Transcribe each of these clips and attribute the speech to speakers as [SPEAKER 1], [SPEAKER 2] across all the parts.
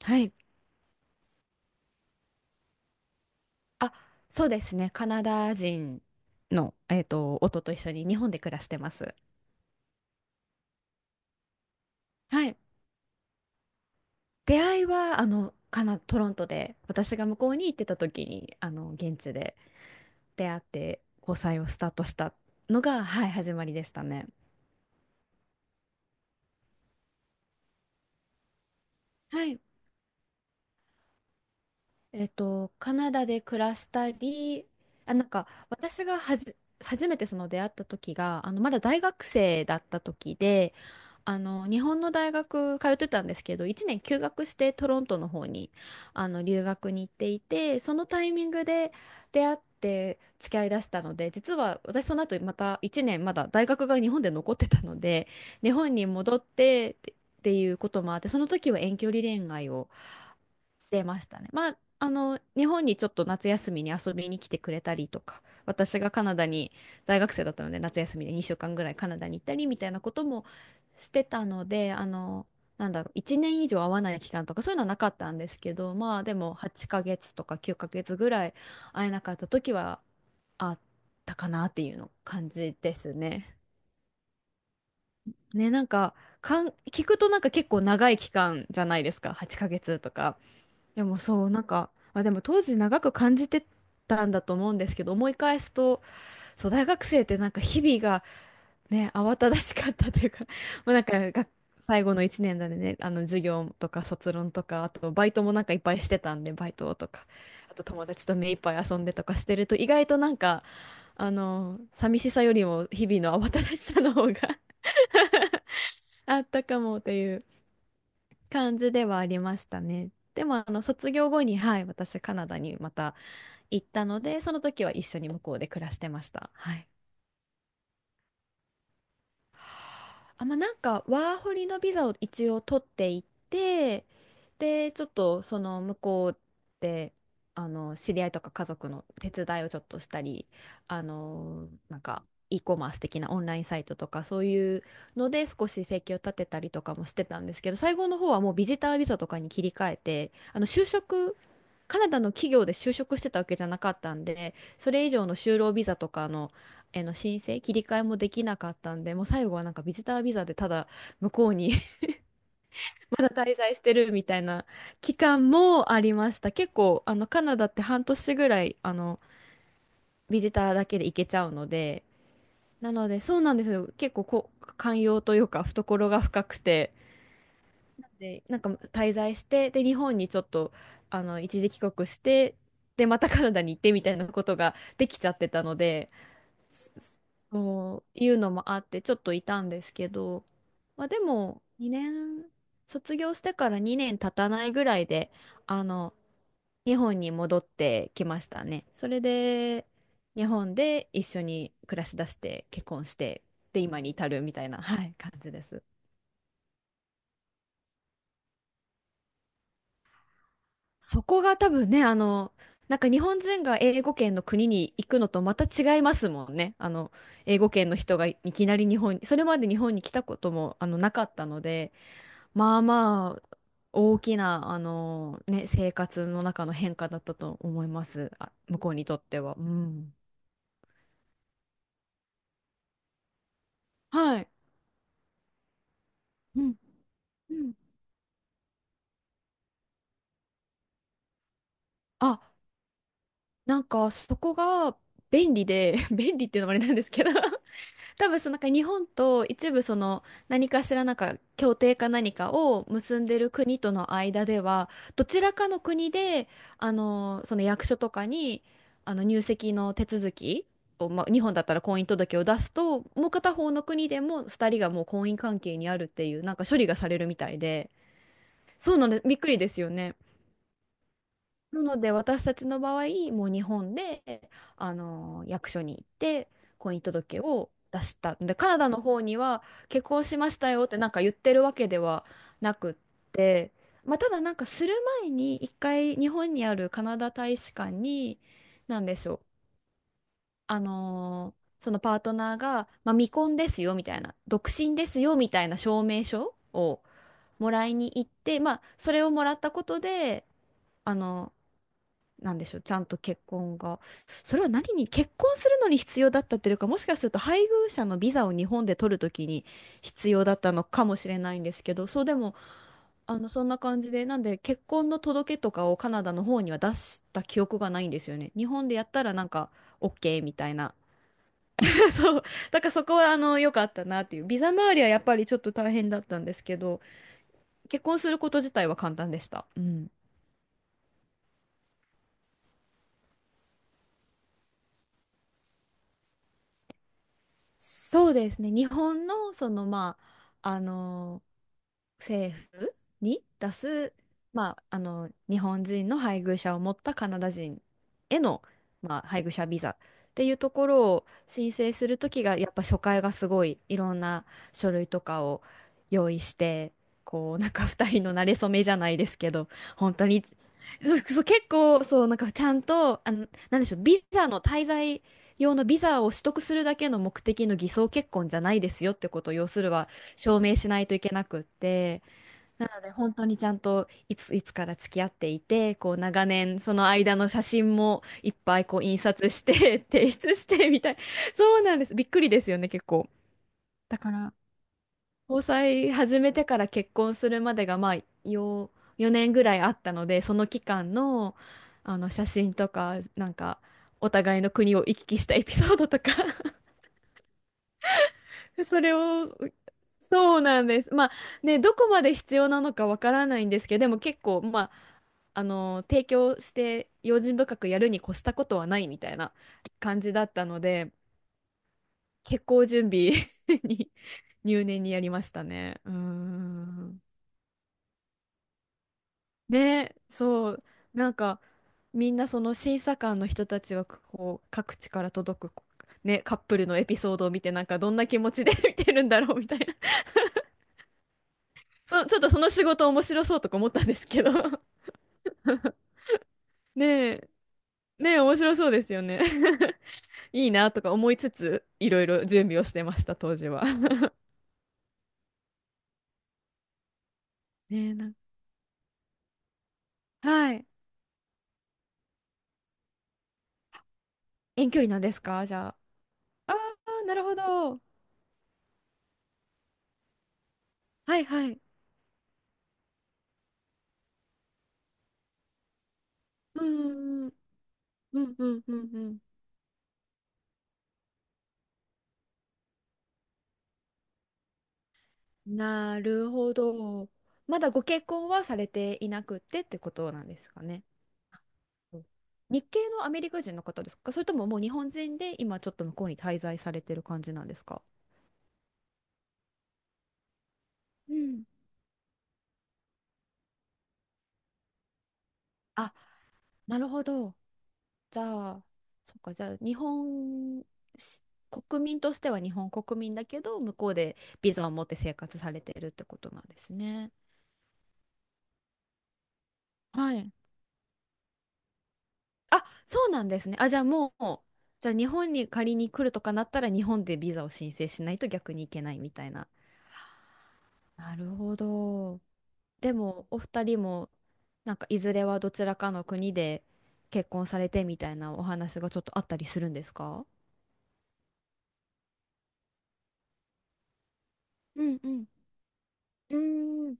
[SPEAKER 1] はい。あ、そうですね。カナダ人の、夫と一緒に日本で暮らしてます。はい。出会いは、トロントで、私が向こうに行ってた時に、現地で出会って交際をスタートしたのが、はい、始まりでしたね。はい。カナダで暮らしたり、あ、なんか私がはじ、初めてその出会った時が、まだ大学生だった時で、日本の大学通ってたんですけど、1年休学してトロントの方に留学に行っていて、そのタイミングで出会って付き合いだしたので、実は私その後また1年まだ大学が日本で残ってたので、日本に戻ってってっていうこともあって、その時は遠距離恋愛を。出ましたね。まあ、日本にちょっと夏休みに遊びに来てくれたりとか、私がカナダに大学生だったので、夏休みで2週間ぐらいカナダに行ったりみたいなこともしてたので、なんだろう、1年以上会わない期間とかそういうのはなかったんですけど、まあでも8ヶ月とか9ヶ月ぐらい会えなかった時はあったかなっていうの感じですね。ね、聞くとなんか結構長い期間じゃないですか、8ヶ月とか。でもそう、なんか、まあ、でも当時長く感じてたんだと思うんですけど、思い返すと、そう、大学生ってなんか日々がね、慌ただしかったというか、まあなんかが、最後の1年だね、授業とか卒論とか、あとバイトもなんかいっぱいしてたんで、バイトとか、あと友達と目いっぱい遊んでとかしてると、意外となんか、寂しさよりも日々の慌ただしさの方が あったかもっていう感じではありましたね。でも卒業後に、はい、私カナダにまた行ったので、その時は一緒に向こうで暮らしてました。はい。まあ、なんかワーホリのビザを一応取っていって、でちょっとその向こうで知り合いとか家族の手伝いをちょっとしたり、あのなんか e コマース的なオンラインサイトとかそういうので少し生計を立てたりとかもしてたんですけど、最後の方はもうビジタービザとかに切り替えて、就職、カナダの企業で就職してたわけじゃなかったんで、それ以上の就労ビザとかの、申請、切り替えもできなかったんで、もう最後はなんかビジタービザでただ向こうに まだ滞在してるみたいな期間もありました。結構、カナダって半年ぐらい、ビジターだけで行けちゃうので、なので、そうなんですよ。結構こう、寛容というか、懐が深くて、で、なんか滞在して、で、日本にちょっと、一時帰国して、で、またカナダに行ってみたいなことができちゃってたので、すそういうのもあって、ちょっといたんですけど、まあ、でも、2年、卒業してから2年経たないぐらいで、あの、日本に戻ってきましたね。それで、日本で一緒に暮らしだして、結婚して、で、今に至るみたいな、はい、感じです。そこが多分ね、なんか日本人が英語圏の国に行くのとまた違いますもんね。英語圏の人がいきなり日本に、それまで日本に来たこともなかったので、まあまあ、大きな、ね、生活の中の変化だったと思います。向こうにとっては。うん。はい。うん。うん。あ、なんかそこが便利で、便利っていうのもあれなんですけど、多分そのなんか日本と一部その何かしらなんか協定か何かを結んでる国との間では、どちらかの国でその役所とかに入籍の手続きを、まあ、日本だったら婚姻届を出すと、もう片方の国でも2人がもう婚姻関係にあるっていうなんか処理がされるみたいで、そうなんでびっくりですよね。なので私たちの場合もう日本で、役所に行って婚姻届を出した、でカナダの方には結婚しましたよってなんか言ってるわけではなくって、まあ、ただなんかする前に一回日本にあるカナダ大使館に、なんでしょう、あのそのパートナーが、まあ、未婚ですよみたいな、独身ですよみたいな証明書をもらいに行って、まあ、それをもらったことで。あのなんでしょう、ちゃんと結婚が。それは何に、結婚するのに必要だったというか、もしかすると配偶者のビザを日本で取るときに必要だったのかもしれないんですけど、そうでも、そんな感じで、なんで結婚の届けとかをカナダの方には出した記憶がないんですよね。日本でやったらなんか、OK みたいな。そう。だからそこは、良かったなっていう。ビザ周りはやっぱりちょっと大変だったんですけど、結婚すること自体は簡単でした。うん。そうですね。日本の、その、まあ、政府に出す、まあ、日本人の配偶者を持ったカナダ人への、まあ、配偶者ビザっていうところを申請するときが、やっぱ初回がすごいいろんな書類とかを用意して、こうなんか2人の馴れ初めじゃないですけど、本当にそうそう、結構そうなんかちゃんと、なんでしょう、ビザの滞在用のビザを取得するだけの目的の偽装結婚じゃないですよってことを要するは証明しないといけなくって、なので本当にちゃんといつ、いつから付き合っていて、こう長年その間の写真もいっぱいこう印刷して 提出してみたい、そうなんです、びっくりですよね結構。だから交際始めてから結婚するまでがまあよ4年ぐらいあったので、その期間の、写真とかなんかお互いの国を行き来したエピソードとか それを、そうなんです。まあね、どこまで必要なのかわからないんですけど、でも結構、まあ、提供して用心深くやるに越したことはないみたいな感じだったので、結構準備 に入念にやりましたね。うーん。ね、そう、なんか、みんなその審査官の人たちは、こう、各地から届く、ね、カップルのエピソードを見て、なんかどんな気持ちで 見てるんだろうみたいな、ちょっとその仕事面白そうとか思ったんですけど。ねえ、ねえ、面白そうですよね。いいなとか思いつつ、いろいろ準備をしてました、当時は。ねえ、はい。遠距離なんですか、じゃあ。ああ、なるほど。はいはい。うんうんうんうんうんうん。なるほど。まだご結婚はされていなくてってことなんですかね。そう、日系のアメリカ人の方ですか、それとももう日本人で今ちょっと向こうに滞在されてる感じなんですか。うん。あ、なるほど。じゃあ、そっか、じゃあ、日本し、国民としては日本国民だけど、向こうでビザを持って生活されてるってことなんですね。はい。そうなんですね。じゃあもう、じゃあ日本に仮に来るとかなったら、日本でビザを申請しないと逆に行けないみたいな。なるほど。でも、お二人も、なんか、いずれはどちらかの国で結婚されてみたいなお話がちょっとあったりするんですか。うんうん。うーん。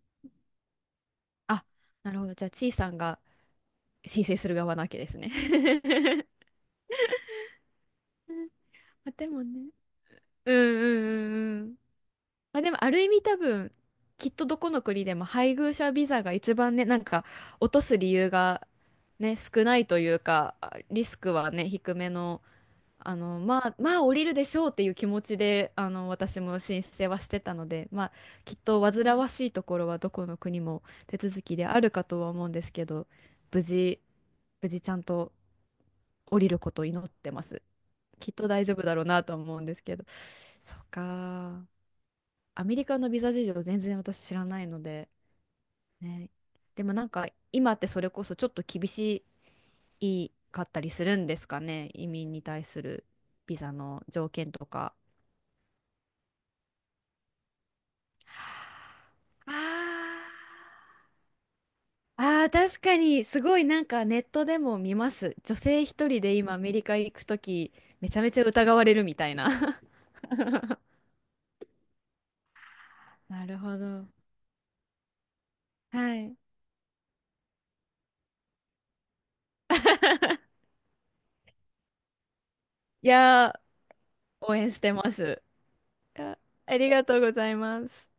[SPEAKER 1] あ、なるほど。じゃあ、ちいさんが申請する側なわけですね。まあ、でもね。うんうんうんうん。まあ、でも、ある意味多分、きっとどこの国でも配偶者ビザが一番ね、なんか、落とす理由がね、少ないというか、リスクはね、低めの、まあ、まあ降りるでしょうっていう気持ちで、私も申請はしてたので、まあ、きっと煩わしいところはどこの国も手続きであるかとは思うんですけど、無事、無事ちゃんと降りることを祈ってます。きっと大丈夫だろうなとは思うんですけど。そっか。アメリカのビザ事情全然私知らないので、ね。でもなんか、今ってそれこそちょっと厳しいかったりするんですかね。移民に対するビザの条件とか。あーあー、確かに、すごいなんかネットでも見ます。女性一人で今アメリカ行くとき、めちゃめちゃ疑われるみたいな。なるほど。はい。いやー、応援してます。いやありがとうございます。